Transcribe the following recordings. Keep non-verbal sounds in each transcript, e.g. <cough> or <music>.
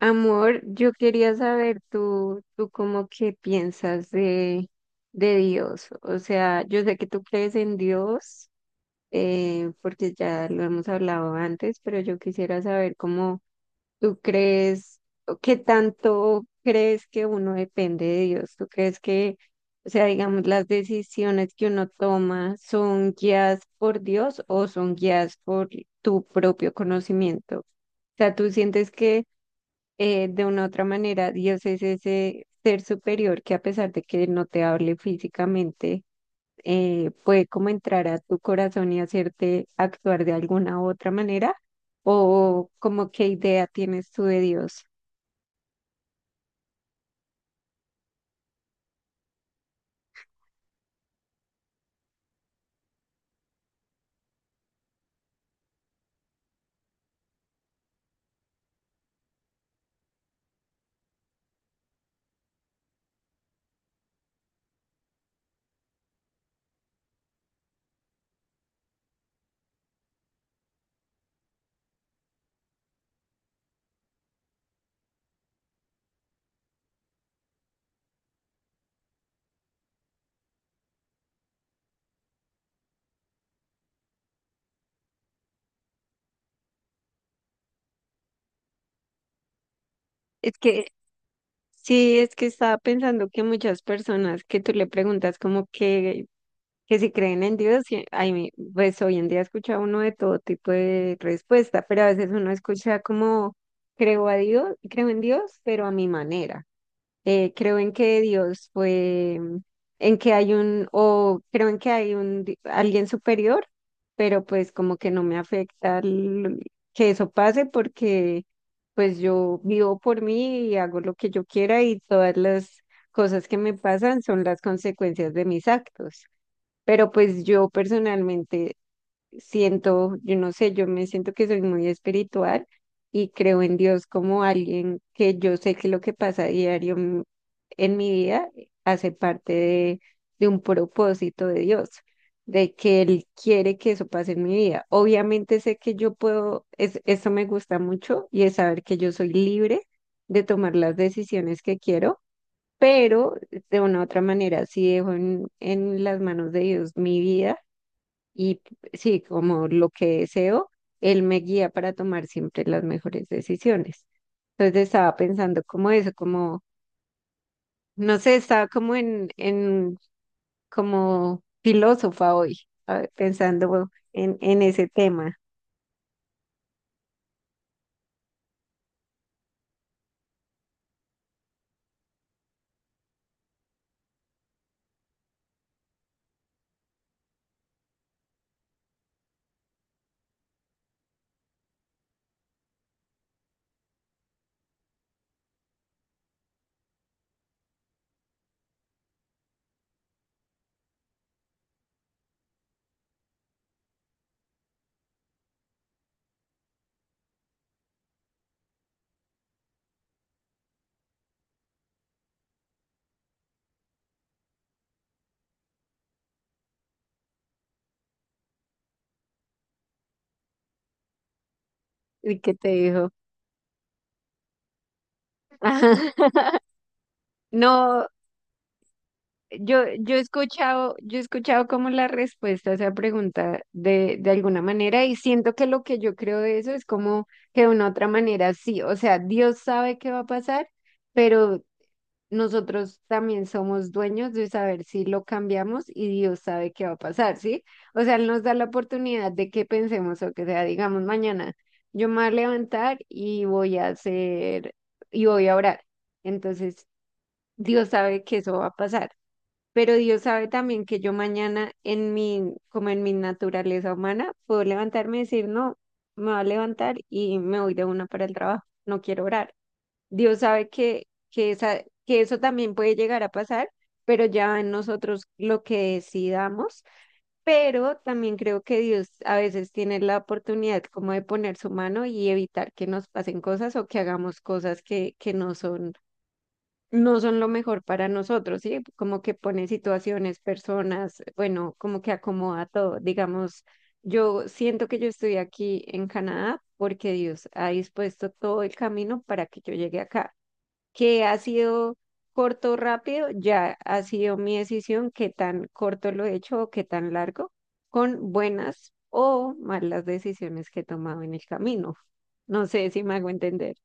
Amor, yo quería saber tú cómo que piensas de Dios. O sea, yo sé que tú crees en Dios, porque ya lo hemos hablado antes, pero yo quisiera saber cómo tú crees, o qué tanto crees que uno depende de Dios. ¿Tú crees que, o sea, digamos, las decisiones que uno toma son guiadas por Dios o son guiadas por tu propio conocimiento? O sea, tú sientes que de una otra manera, Dios es ese ser superior que a pesar de que no te hable físicamente, puede como entrar a tu corazón y hacerte actuar de alguna u otra manera, o como qué idea tienes tú de Dios. Es que sí, es que estaba pensando que muchas personas que tú le preguntas como que si creen en Dios, sí, ay, pues hoy en día escucha uno de todo tipo de respuesta, pero a veces uno escucha como creo a Dios, creo en Dios, pero a mi manera. Creo en que Dios fue, en que hay un, o creo en que hay un alguien superior, pero pues como que no me afecta que eso pase porque pues yo vivo por mí y hago lo que yo quiera y todas las cosas que me pasan son las consecuencias de mis actos. Pero pues yo personalmente siento, yo no sé, yo me siento que soy muy espiritual y creo en Dios como alguien que yo sé que lo que pasa a diario en mi vida hace parte de un propósito de Dios, de que Él quiere que eso pase en mi vida. Obviamente sé que yo puedo, es, eso me gusta mucho y es saber que yo soy libre de tomar las decisiones que quiero, pero de una u otra manera sí dejo en las manos de Dios mi vida y sí, como lo que deseo, Él me guía para tomar siempre las mejores decisiones. Entonces estaba pensando como eso, como, no sé, estaba como en como filósofa hoy, a pensando en ese tema. ¿Y qué te dijo? <laughs> No, yo he escuchado, yo he escuchado como la respuesta a esa pregunta de alguna manera y siento que lo que yo creo de eso es como que de una otra manera sí, o sea, Dios sabe qué va a pasar, pero nosotros también somos dueños de saber si lo cambiamos y Dios sabe qué va a pasar, ¿sí? O sea, Él nos da la oportunidad de que pensemos o que sea, digamos, mañana yo me voy a levantar y voy a hacer, y voy a orar. Entonces, Dios sabe que eso va a pasar. Pero Dios sabe también que yo mañana en mi, como en mi naturaleza humana, puedo levantarme y decir, no, me va a levantar y me voy de una para el trabajo, no quiero orar. Dios sabe esa, que eso también puede llegar a pasar, pero ya en nosotros lo que decidamos. Pero también creo que Dios a veces tiene la oportunidad como de poner su mano y evitar que nos pasen cosas o que hagamos cosas que no son lo mejor para nosotros, ¿sí? Como que pone situaciones, personas, bueno, como que acomoda todo. Digamos, yo siento que yo estoy aquí en Canadá porque Dios ha dispuesto todo el camino para que yo llegue acá. Que ha sido corto, o rápido, ya ha sido mi decisión, qué tan corto lo he hecho o qué tan largo, con buenas o malas decisiones que he tomado en el camino. No sé si me hago entender.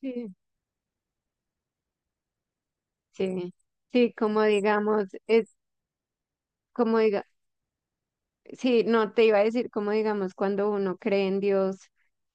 Sí. Sí, sí, como digamos, es como diga. Sí, no, te iba a decir, como digamos, cuando uno cree en Dios,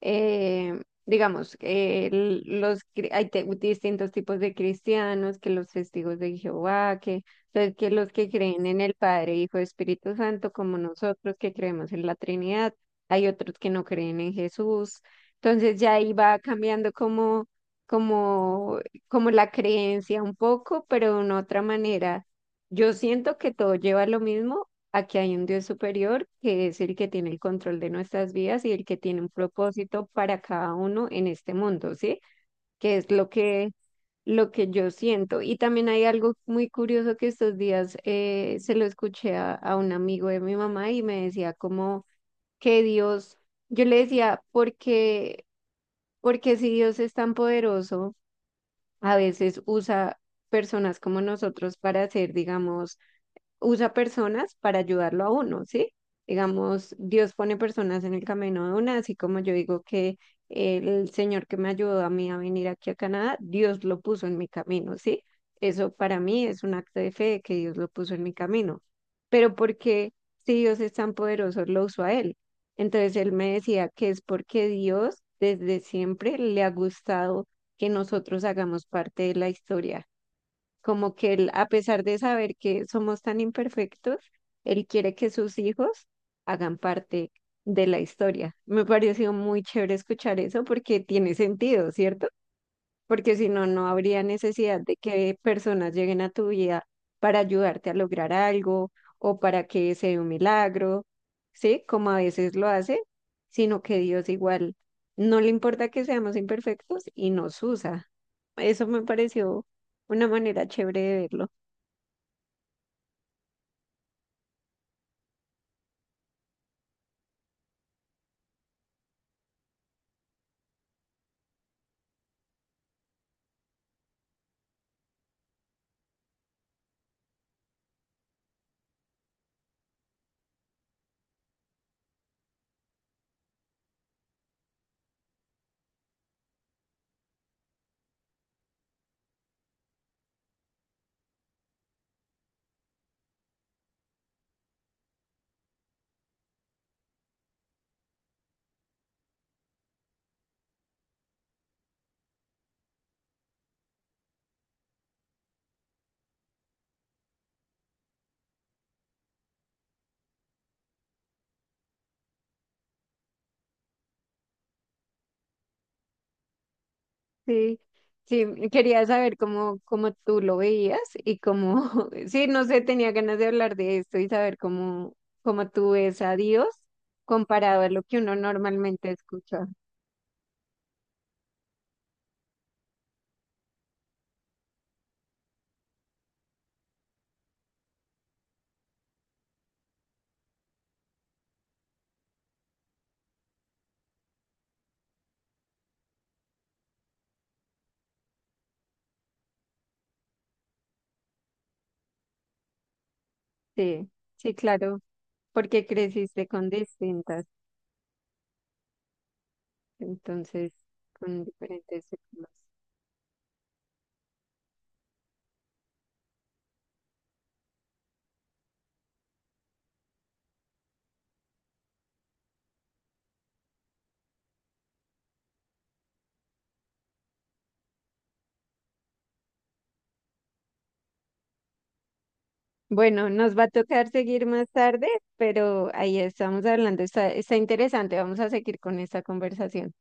eh, digamos, hay distintos tipos de cristianos, que los testigos de Jehová, que, entonces que los que creen en el Padre, Hijo, Espíritu Santo, como nosotros que creemos en la Trinidad, hay otros que no creen en Jesús. Entonces ya ahí va cambiando como, como, como la creencia un poco, pero de una otra manera. Yo siento que todo lleva a lo mismo, aquí hay un Dios superior que es el que tiene el control de nuestras vidas y el que tiene un propósito para cada uno en este mundo, ¿sí? Que es lo que yo siento. Y también hay algo muy curioso que estos días se lo escuché a un amigo de mi mamá y me decía como que Dios, yo le decía, porque, porque si Dios es tan poderoso, a veces usa personas como nosotros para hacer, digamos, usa personas para ayudarlo a uno, ¿sí? Digamos, Dios pone personas en el camino de una, así como yo digo que el Señor que me ayudó a mí a venir aquí a Canadá, Dios lo puso en mi camino, ¿sí? Eso para mí es un acto de fe de que Dios lo puso en mi camino. Pero porque si Dios es tan poderoso, lo usó a él. Entonces él me decía que es porque Dios desde siempre le ha gustado que nosotros hagamos parte de la historia, como que él, a pesar de saber que somos tan imperfectos, él quiere que sus hijos hagan parte de la historia. Me pareció muy chévere escuchar eso porque tiene sentido, ¿cierto? Porque si no, no habría necesidad de que personas lleguen a tu vida para ayudarte a lograr algo o para que se dé un milagro, ¿sí? Como a veces lo hace, sino que Dios igual no le importa que seamos imperfectos y nos usa. Eso me pareció una manera chévere de verlo. Sí, sí, quería saber cómo, cómo tú lo veías y cómo, <laughs> sí, no sé, tenía ganas de hablar de esto y saber cómo, cómo tú ves a Dios comparado a lo que uno normalmente escucha. Sí, sí, claro, porque creciste con distintas, entonces, con diferentes épocas. Bueno, nos va a tocar seguir más tarde, pero ahí estamos hablando, está, está interesante, vamos a seguir con esta conversación.